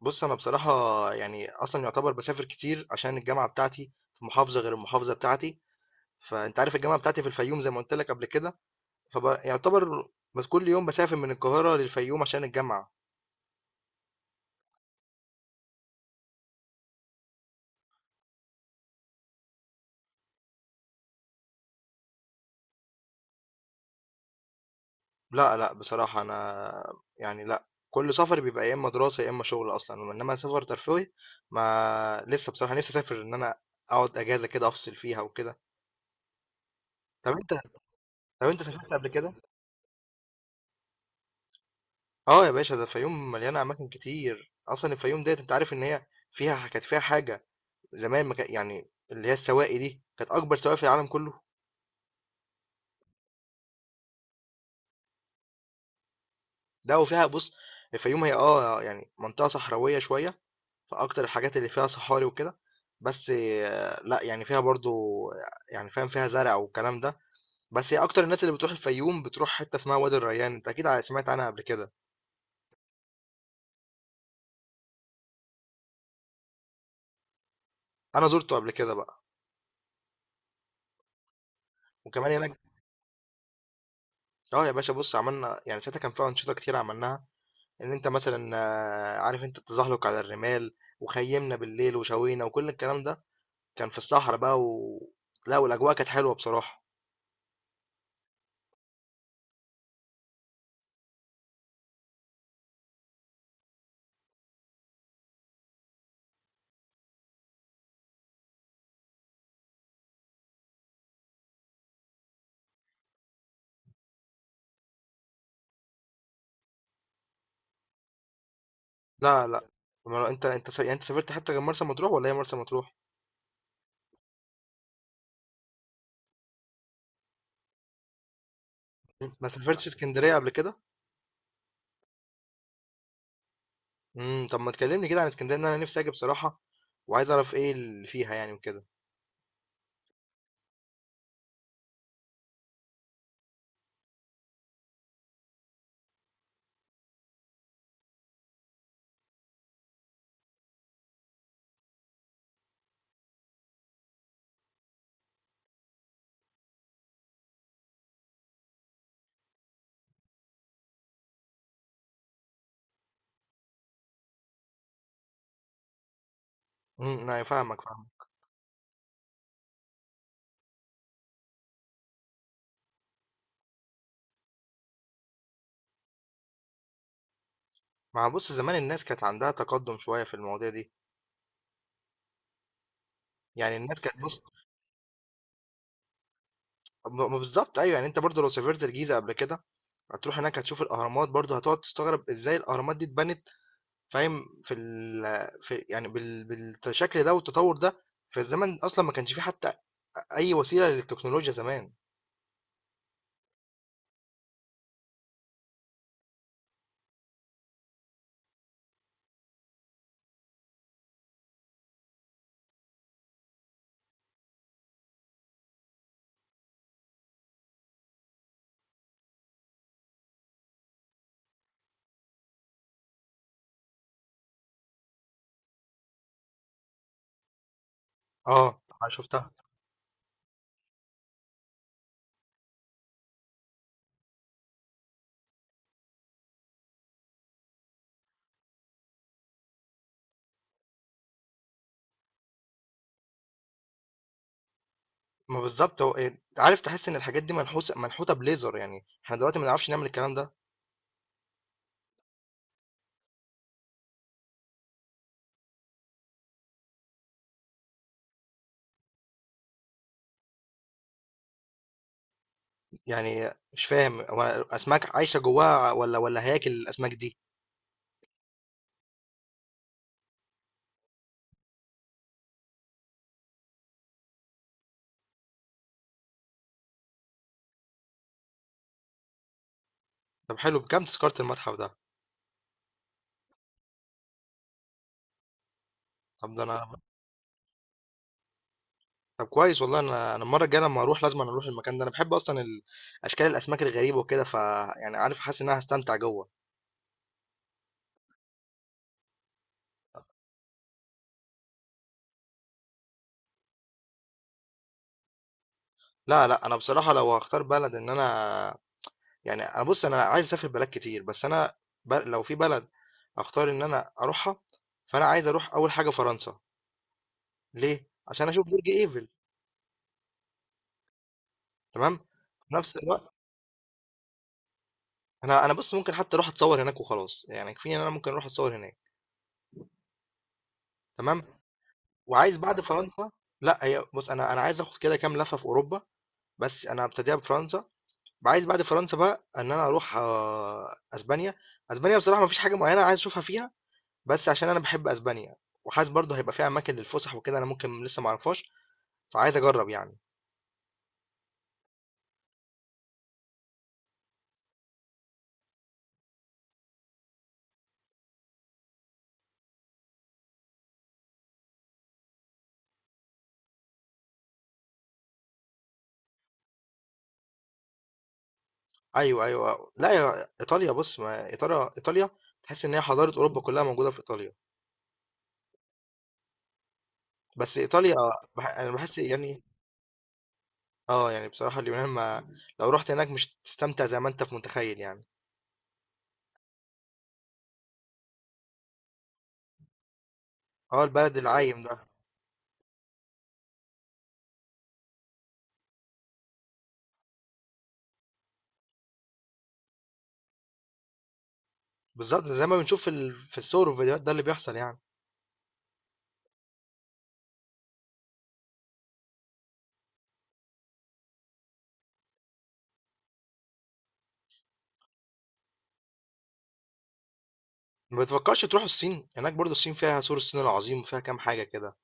بُص، أنا بصراحة يعني أصلًا يُعتبر باسافر كتير عشان الجامعة بتاعتي في محافظة غير المحافظة بتاعتي، فأنت عارف الجامعة بتاعتي في الفيوم زي ما قُلت لك قبل كده، فب يُعتبر بس كل يوم باسافر من القاهرة للفيوم عشان الجامعة. لأ، لأ، بصراحة أنا يعني لأ، كل سفري بيبقى يا إمّا دراسة يا إمّا شغل أصلًا، إنّما سفر ترفيهي ما لسه بصراحة نِفْسي أسافر إن أنا أقعد أجازة كده أفصل فيها وكده. طَب أنت طَب أنت سافرت قبل كده؟ آه يا باشا، ده الفيوم مليانة أماكن كتير، أصلًا الفيوم ديّة أنت عارف إن هي فيها ح كانت فيها حاجة زمان ما كان- يعني اللي هي السواقي دي كانت اكبر سواقي في العالم كله. ده وفيها بص، الفيوم هي اه يعني منطقه صحراويه شويه، فاكتر الحاجات اللي فيها صحاري وكده. بس آه، لا يعني فيها برضو يعني فاهم فيها زرع والكلام ده. بس هي اكتر الناس اللي بتروح الفيوم بتروح حته اسمها وادي الريان، انت اكيد سمعت عنها قبل كده. انا زرته قبل كده بقى وكمان هناك اه يا باشا بص، عملنا يعني ساعتها كان فيها انشطه كتير عملناها، ان انت مثلا آه، عارف انت التزحلق على الرمال وخيمنا بالليل وشوينا وكل الكلام ده، كان في الصحرا بقى و لأ، والأجواء كانت حلوة بصراحة. لا، لأ، ما هو أنت يعني أنت سافرت حتّة غير مرسى مطروح والّا هي مرسى مطروح؟ ما سافرتش إسكندرية قبل كده؟ طب ما تكلّمني كده عن إسكندرية، لأن أنا نِفْسي آجي بصراحة وعايز أعرف إيه اللي فيها يعني وكده. أيوه فاهمك، فاهمك. ما هو بُص، زمان الناس كانت عندها تقدُّم شوية في المواضيع دي، يعني الناس كانت بُص ب ما بالضبط أيوه، يعني أنت برضه لو سافرت الجيزة قبل كده، هتروح هناك هتشوف الأهرامات برضه هتقعد تستغرب إزاي الأهرامات دي اتبنت. فاهم؟ في ال في يعني بال بالشكل ده والتطور ده في الزمن أصلا ما كانش فيه حتى أي وسيلة للتكنولوجيا زمان. اه، أنا شفتها. ما بالظبط هو إيه، عارف تحس إن الحاجات دي منحوتة بليزر يعني احنا دلوقتي ما نعرفش نعمل الكلام ده. يعني مش فاهم، هو الأسماك عايشة جواها ولا هياكل الأسماك دي؟ طب حلو، بكام تذكرة المتحف ده؟ طب ده أنا طب كويس والله، أنا أنا المرة الجاية لما أروح لازم أنا أروح المكان ده، أنا بحب أصلا أشكال الأسماك الغريبة وكده، ف يعني عارف حاسس إن أنا هستمتع جوه. لا لا، انا بصراحه لو هختار بلد ان انا يعني، انا بص، انا عايز اسافر بلاد كتير بس انا لو في بلد اختار ان انا اروحها، فانا عايز اروح اول حاجه فرنسا. ليه؟ عشان اشوف برج ايفل. تمام. في نفس الوقت انا بص ممكن حتى اروح اتصور هناك وخلاص، يعني كفايه ان انا ممكن اروح اتصور هناك. تمام. وعايز بعد فرنسا، لا هي بص انا عايز اخد كده كام لفه في اوروبا بس انا هبتديها بفرنسا. عايز بعد فرنسا بقى ان انا اروح آه، اسبانيا. اسبانيا بصراحه ما فيش حاجه معينه عايز اشوفها فيها، بس عشان أنا باحب أسبانيا، وحاسس برضه هيبقى فيها أماكن للفُسح وكده أنا ممكن لسه ما أعرفهاش، فعايز أجرّب يعني. أيوه، أيوه، لأ يا إيطاليا بُص، ما إيطاليا تحس إن هي حضارة أوروبا كلّها موجودة في إيطاليا، بس إيطاليا أنا باحس يعني آه، يعني بصراحة اليونان ما لو رُحت هناك مش هتستمتع زي ما أنت متخيّل يعني. آه، البلد العايم ده، بالضبط زي ما بنشوف في ال في الصور والفيديوهات ده اللي بيحصل يعني. ما بتفكّرش تروحوا الصين؟ هناك برضه الصين فيها سور الصين العظيم وفيها كام حاجة كده.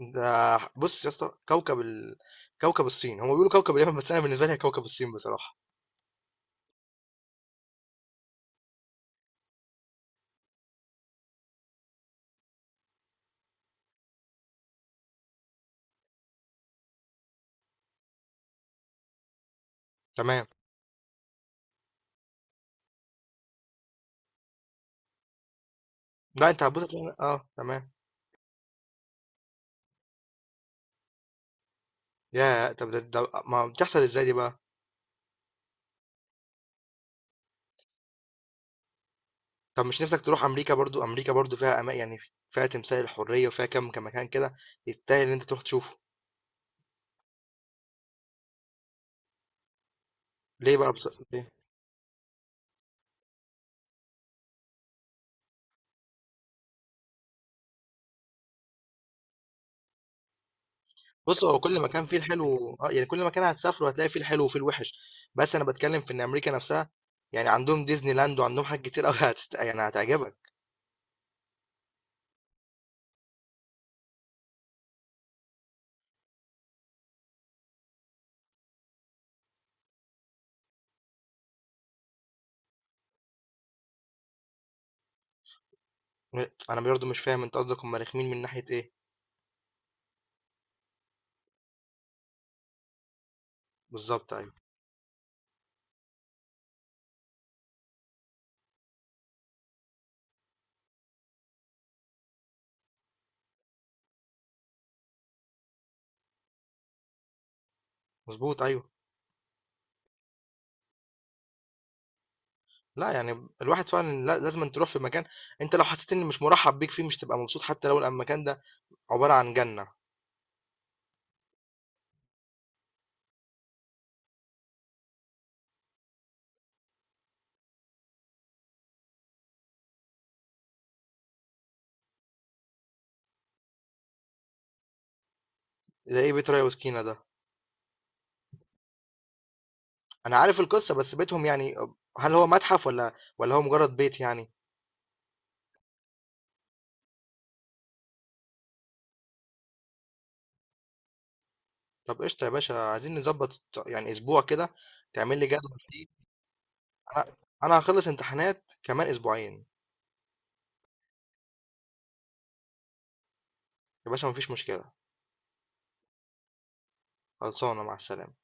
ده بص يا اسطى كوكب الصين، هم بيقولوا كوكب اليمن بس انا بالنسبه لي هي كوكب الصين بصراحه. تمام. لا انت هتبص تلاقي اه تمام. يا طب ده ما بتحصل ازاي دي بقى. طب مش نفسك تروح امريكا برضو؟ امريكا برضو فيها يعني فيها تمثال الحريه وفيها كم مكان كده يستاهل ان انت تروح تشوفه. ليه بقى؟ ليه؟ بص، هو كل مكان فيه الحلو، اه يعني كل مكان هتسافره هتلاقي فيه الحلو وفيه الوحش، بس انا بتكلم في ان امريكا نفسها يعني عندهم ديزني لاند وعندهم حاجات كتير قوي يعني هتعجبك. م أنا برضه مش فاهم، أنت قصدك هم رخمين من ناحية إيه؟ بالضبط أيوه، مضبوط أيوه، لأ يعني الواحد فعلًا لا لازمًا تروح في مكان أنت لو حسيت إن مش مرحب بيك فيه مش هتبقى مبسوط حتى لو المكان ده عبارة عن جنة. زي إيه بيت ريا وسكينة ده؟ أنا عارف القصة بس بيتهم يعني هل هو متحف والّا هو مجرد بيت يعني؟ طب قشطة يا باشا، عايزين نضبط يعني أسبوع كده، تعمل لي جدول فيه. أنا أنا هاخلص امتحانات كمان أسبوعين، يا باشا ما فيش مشكلة، خلصانة مع السلامة.